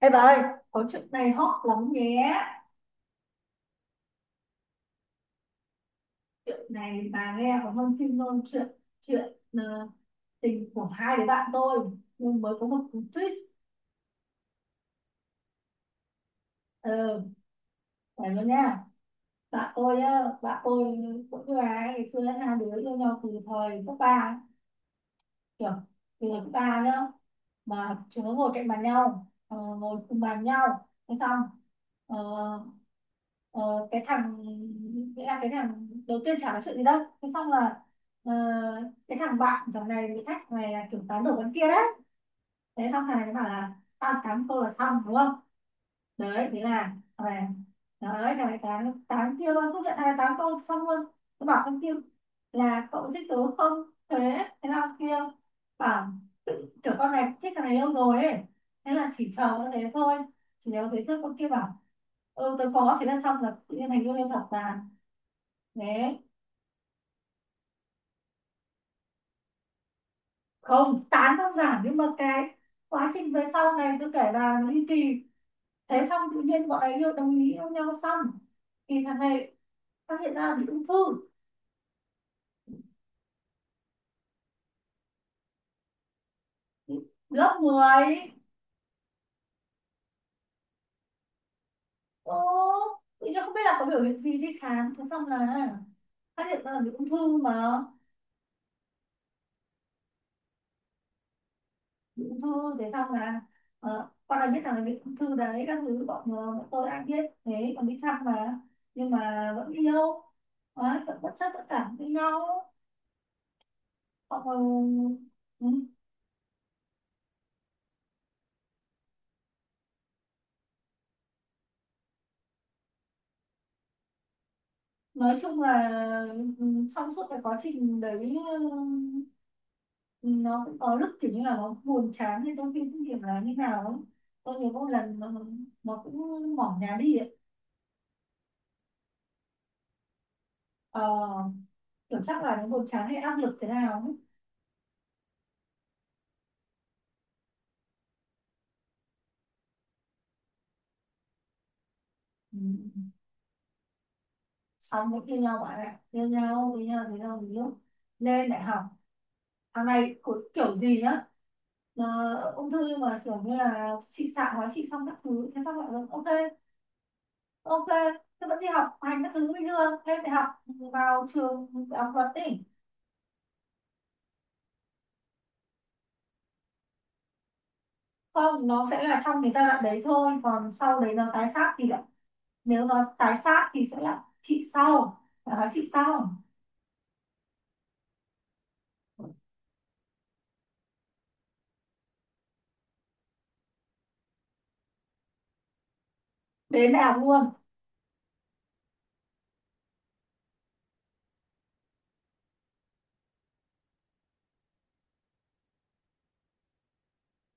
Ê bà ơi, có chuyện này hot lắm nhé. Chuyện này bà nghe có hơn phim luôn. Chuyện chuyện ờ, tình của hai đứa bạn tôi, nhưng mới có một cú twist. Ờ, phải luôn nha. Bạn tôi cũng như bà ấy, ngày xưa hai đứa yêu nhau từ thời cấp ba, kiểu từ lớp ba nhá, mà chúng nó ngồi cùng bàn nhau. Thế xong ờ, ờ, cái thằng, nghĩa là cái thằng đầu tiên chả nói chuyện gì đâu. Thế xong là ờ, cái thằng bạn thằng này bị thách này là kiểu tán đổ con kia đấy. Thế xong thằng này nó bảo là tao tám câu là xong, đúng không? Đấy, thế là thằng này, đấy, thằng này tán tán kia luôn không nhận, thằng này tán câu xong luôn. Tôi bảo con kia là cậu thích tớ không? Thế, thế là con kia bảo, tự kiểu con này thích thằng này lâu rồi ấy, thế là chỉ chờ con đấy thôi, chỉ nếu thấy thức con kia bảo ừ tớ có. Thế là xong, là tự nhiên thành yêu em thật là, thế. Không, tán đơn giản nhưng mà cái quá trình về sau này tôi kể là ly kỳ. Thế xong tự nhiên bọn ấy yêu, đồng ý yêu nhau xong thì thằng này phát hiện ra bị ung thư. Lớp 10. Ừ, tự nhiên không biết là có biểu hiện gì đi khám, thế xong là phát hiện ra là bị ung thư mà. Bị ung thư thế xong là, con đã biết rằng là bị ung thư đấy các thứ, bọn tôi ai biết thế còn đi thăm mà, nhưng mà vẫn yêu. Đấy, vẫn bất chấp tất cả với nhau. bọn ờ, ừ, nói chung là, ừ, ừ, trong suốt cái quá trình đấy, ừ, nó cũng có lúc kiểu như là nó buồn chán hay tôi phim điểm là như nào ấy. Tôi nhớ một lần nó cũng bỏ nhà đi ấy. Ờ, kiểu chắc là nó buồn chán hay áp lực thế nào ấy. Ừ. Xong cũng yêu nhau bạn ạ, yêu nhau với nhau thế nào thì lúc lên đại học thằng này cũng kiểu gì nhá. Ờ, ung thư nhưng mà kiểu như là chị xạ hóa trị xong các thứ. Thế xong lại nói, ok, ok, thế vẫn đi học hành các thứ bình thường, lên đại học, vào trường đại học luật đi. Không, nó sẽ là trong cái giai đoạn đấy thôi, còn sau đấy nó tái phát thì lại, nếu nó tái phát thì sẽ là trị sau là hóa trị sau. Đến đại học luôn.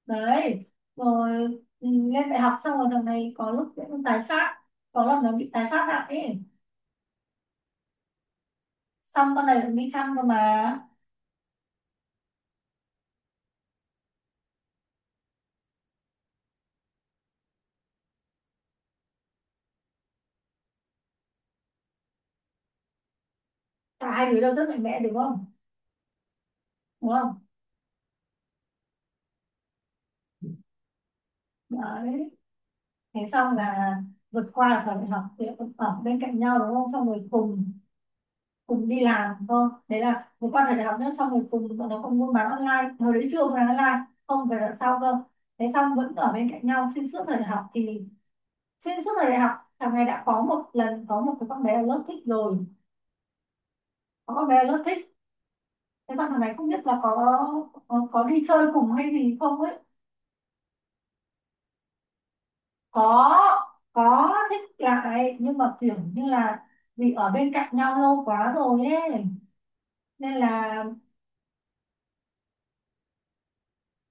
Đấy rồi, ừ, lên đại học xong rồi thằng này có lúc cũng tái phát, có lần nó bị tái phát lại ấy, xong con này cũng đi chăm cơ mà. Cả hai đứa đều rất mạnh mẽ, đúng không? Đúng không? Đấy. Thế xong là vượt qua là thời đại học thì cũng ở bên cạnh nhau đúng không, xong rồi cùng cùng đi làm thôi. Đấy là một quan thời đại học nữa, xong rồi cùng bọn nó còn buôn bán online, hồi đấy chưa buôn bán online, không phải đợt sau cơ. Thế xong vẫn ở bên cạnh nhau xuyên suốt thời đại học thì, xuyên suốt thời đại học thằng này đã có một lần, có một cái con bé ở lớp thích rồi, có con bé ở lớp thích. Thế xong thằng này không biết là có, có đi chơi cùng hay gì không ấy. có có thích lại nhưng mà kiểu như là vì ở bên cạnh nhau lâu quá rồi ấy nên là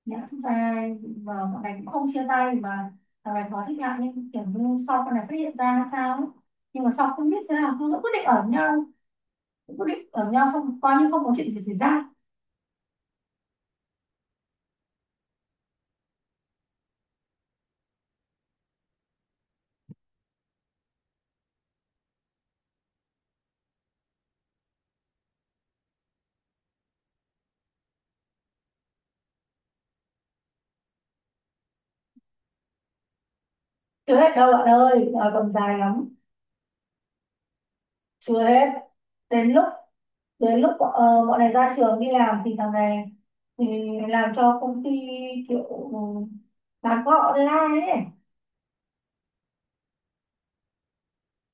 nhận dài, và bọn này cũng không chia tay mà. Thằng này có thích lại nhưng kiểu như sau con này phát hiện ra sao ấy. Nhưng mà sau không biết thế nào cứ quyết định ở nhau xong coi như không có chuyện gì xảy ra. Chưa hết đâu bạn ơi, đời còn dài lắm. Chưa hết. Đến lúc, đến lúc bọn này ra trường đi làm thì thằng này, thì làm cho công ty kiểu bán khóa online ấy,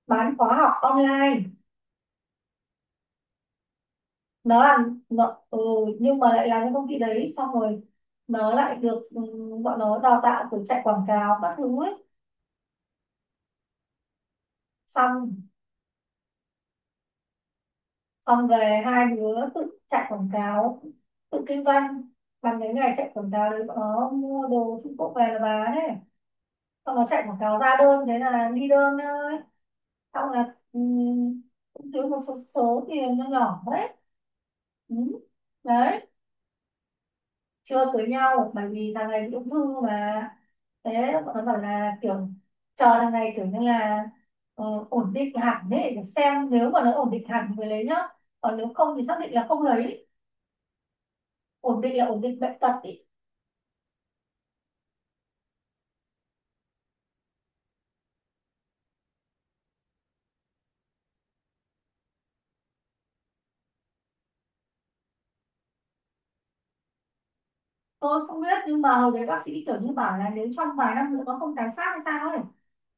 bán khóa học online. Nó làm nó, nhưng mà lại làm cho công ty đấy xong rồi nó lại được, bọn nó đào tạo từ chạy quảng cáo các thứ ấy. Xong, xong về hai đứa tự chạy quảng cáo, tự kinh doanh, bằng cái ngày chạy quảng cáo đấy bọn nó mua đồ Trung Quốc về là bán ấy. Xong nó chạy quảng cáo ra đơn thế là đi đơn thôi. Xong là, cũng thiếu một số, số tiền nó nhỏ đấy. Ừ. Đấy, chưa cưới nhau bởi vì thằng này bị ung thư mà. Thế bọn nó bảo là kiểu chờ thằng này kiểu như là, ờ, ổn định hẳn ấy, để xem nếu mà nó ổn định hẳn thì mới lấy nhá, còn nếu không thì xác định là không lấy. Ổn định là ổn định bệnh tật ấy. Tôi không biết nhưng mà hồi đấy bác sĩ kiểu như bảo là nếu trong vài năm nữa nó không tái phát hay sao ấy,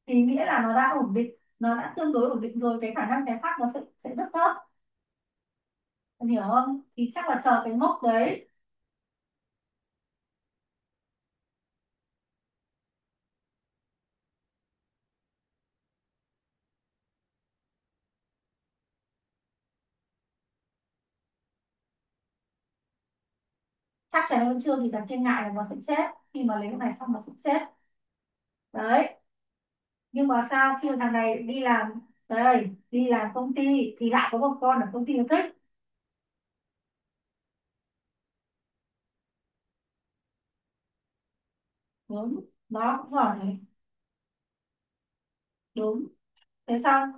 thì nghĩa là nó đã ổn định, nó đã tương đối ổn định rồi, cái khả năng tái phát nó sẽ rất thấp. Em hiểu không, thì chắc là chờ cái mốc đấy. Chắc chắn là vẫn chưa thì chẳng thiên ngại là nó sẽ chết, khi mà lấy cái này xong nó sẽ chết. Đấy. Nhưng mà sao khi mà thằng này đi làm, đây đi làm công ty thì lại có một con ở công ty nó thích. Đúng, nó cũng giỏi đấy. Đúng. Thế xong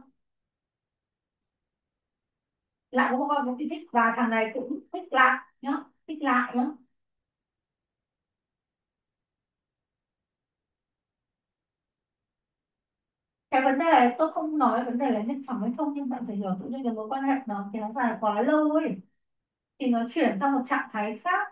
lại có một con công ty thích và thằng này cũng thích lại nhá, thích lại nhá. Cái vấn đề, tôi không nói vấn đề là nhân phẩm hay không, nhưng bạn phải hiểu tự nhiên cái mối quan hệ nó kéo dài quá lâu ấy thì nó chuyển sang một trạng thái khác.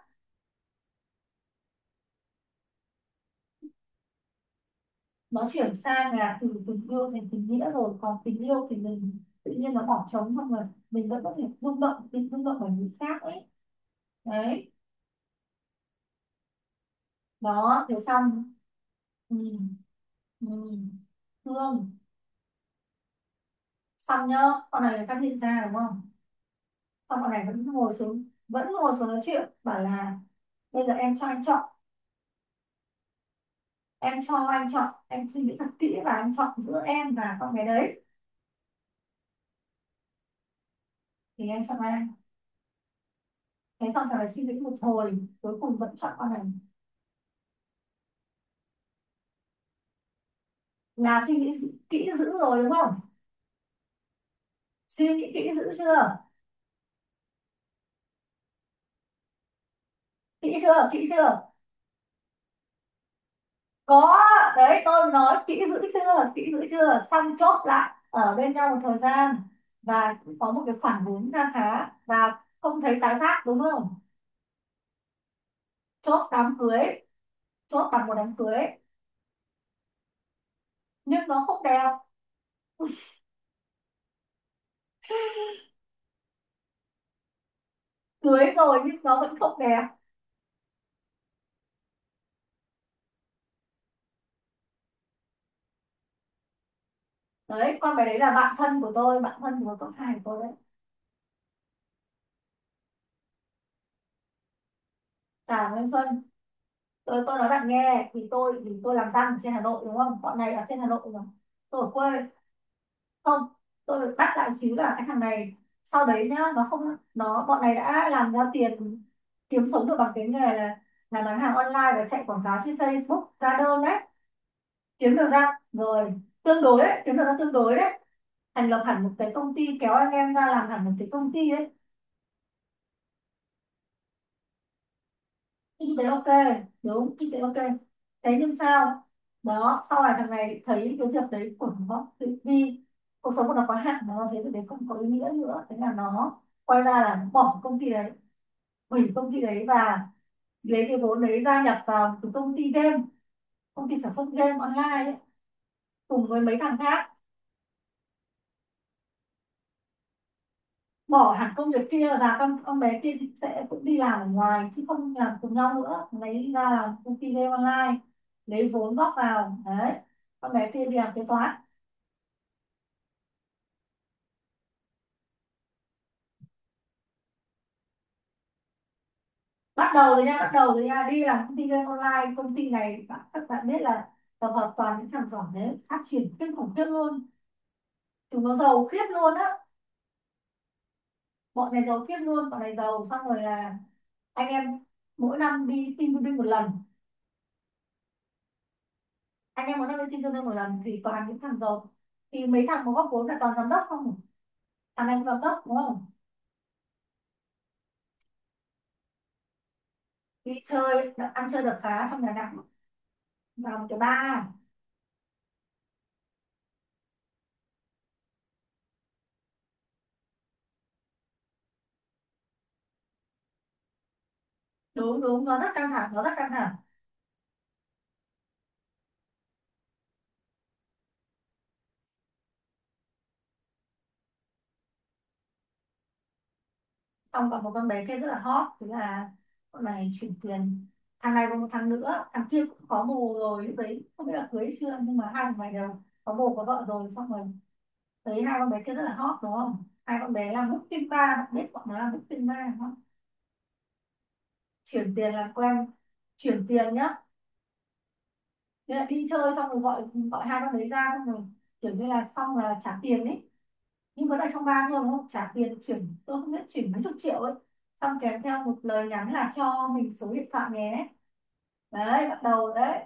Nó chuyển sang là từ tình yêu thành tình nghĩa rồi, còn tình yêu thì mình tự nhiên nó bỏ trống xong rồi, mình vẫn có thể rung động, rung động bởi người khác ấy. Đấy. Đó. Thế xong ừ, ừ. Hương, xong nhá, con này phát hiện ra đúng không, xong con này vẫn ngồi xuống, vẫn ngồi xuống nói chuyện bảo là bây giờ em cho anh chọn, em cho anh chọn, em suy nghĩ thật kỹ và anh chọn giữa em và con bé đấy thì anh chọn ai. Thế xong thằng này suy nghĩ một hồi, cuối cùng vẫn chọn con này. Là suy nghĩ kỹ dữ rồi đúng không, suy nghĩ kỹ dữ chưa, kỹ chưa, kỹ chưa? Có. Đấy tôi nói kỹ dữ chưa, kỹ dữ chưa, xong chốt lại ở bên nhau một thời gian và cũng có một cái khoản vốn kha khá và không thấy tái phát, đúng không? Chốt đám cưới, chốt bằng một đám cưới. Nhưng nó không đẹp. Cưới rồi nhưng nó vẫn không đẹp. Đấy, con bé đấy là bạn thân của tôi, bạn thân của con hai của tôi đấy. Cả Nguyên Xuân. Tôi nói bạn nghe thì tôi, thì tôi làm răng ở trên Hà Nội đúng không, bọn này ở trên Hà Nội rồi, tôi ở quê. Không, tôi được bắt lại xíu là cái thằng này sau đấy nhá, nó không, nó bọn này đã làm ra tiền, kiếm sống được bằng cái nghề là bán hàng online và chạy quảng cáo trên Facebook ra đơn đấy. Kiếm được ra, rồi, tương đối đấy, kiếm được ra tương đối đấy. Thành lập hẳn một cái công ty, kéo anh em ra làm hẳn một cái công ty đấy. Kinh tế ok. Đúng, kinh tế ok. Thế nhưng sao, đó sau này thằng này thấy cái việc đấy của nó, vì cuộc sống của nó có hạn, nó thấy việc đấy không có ý nghĩa nữa, thế là nó quay ra là nó bỏ công ty đấy, hủy công ty đấy, và lấy cái vốn đấy gia nhập vào cái công ty game, công ty sản xuất game online ấy, cùng với mấy thằng khác. Bỏ hẳn công việc kia và con bé kia sẽ cũng đi làm ở ngoài chứ không làm cùng nhau nữa, lấy ra làm công ty game online, lấy vốn góp vào đấy, con bé kia đi làm kế toán. Bắt đầu rồi nha, bắt đầu rồi nha. Đi làm công ty game online, công ty này các bạn biết là tập hợp toàn những thằng giỏi đấy, phát triển kinh khủng khiếp luôn, chúng nó giàu khiếp luôn á. Bọn này giàu khiếp luôn, bọn này giàu xong rồi là anh em mỗi năm đi team building một lần, anh em muốn đăng lên tin tương đương một lần thì toàn những thằng giàu, thì mấy thằng có góp vốn là toàn giám đốc không, thằng này cũng giám đốc đúng không. Đi chơi ăn chơi đập phá trong nhà nặng, vào một cái ba. Đúng, đúng nó rất căng thẳng, nó rất căng thẳng. Xong còn một con bé kia rất là hot thế là con này chuyển tiền. Thằng này còn một thằng nữa, thằng kia cũng có bồ rồi, lúc đấy không biết là cưới chưa, nhưng mà hai thằng này đều có bồ có vợ rồi. Xong rồi thấy hai con bé kia rất là hot đúng không, hai con bé làm booking bar, bạn biết bọn nó làm booking bar đúng không. Chuyển tiền làm quen, chuyển tiền nhá, nên là đi chơi xong rồi gọi gọi hai con đấy ra, xong rồi kiểu như là xong là trả tiền ấy, nhưng vẫn là trong ba thôi đúng không, trả tiền chuyển, tôi không biết chuyển mấy chục triệu ấy, xong kèm theo một lời nhắn là cho mình số điện thoại nhé. Đấy, bắt đầu rồi đấy,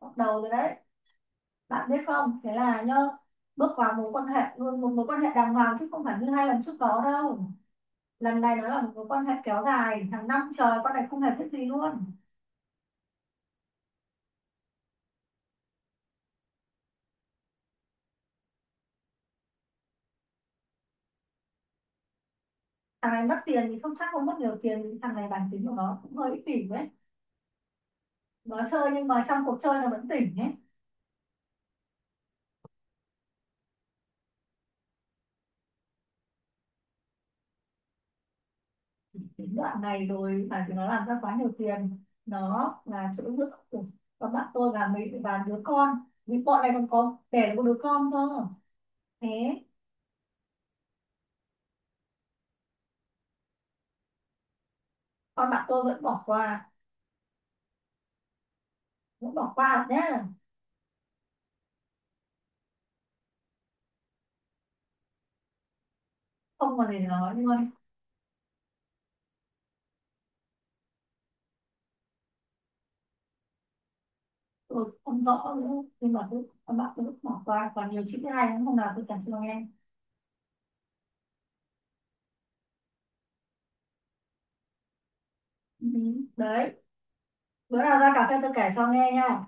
bắt đầu rồi đấy. Bạn biết không, thế là nhá, bước vào mối quan hệ luôn, một mối quan hệ đàng hoàng chứ không phải như hai lần trước đó đâu, lần này nó là một mối quan hệ kéo dài hàng năm trời, con này không hề biết gì luôn. Thằng này mất tiền thì không, chắc không mất nhiều tiền, thằng này bản tính của nó cũng hơi ích kỷ ấy, nó chơi nhưng mà trong cuộc chơi nó vẫn tỉnh ấy. Đến đoạn này rồi phải, thì nó làm ra quá nhiều tiền, nó là chỗ dựa của các bạn tôi và mấy và đứa con, vì bọn này còn có đẻ được một đứa con cơ. Thế con bạn tôi vẫn bỏ qua, vẫn bỏ qua nhé. Không còn gì để nói luôn. Tôi không rõ nữa, nhưng mà cứ con bạn tôi vẫn bỏ qua, còn nhiều chuyện hay lắm, hôm nào tôi kể cho nghe. Ừ, đấy, bữa nào ra cà phê tôi kể cho nghe nha.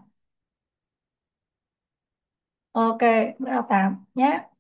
Ok, bữa nào tám nhé.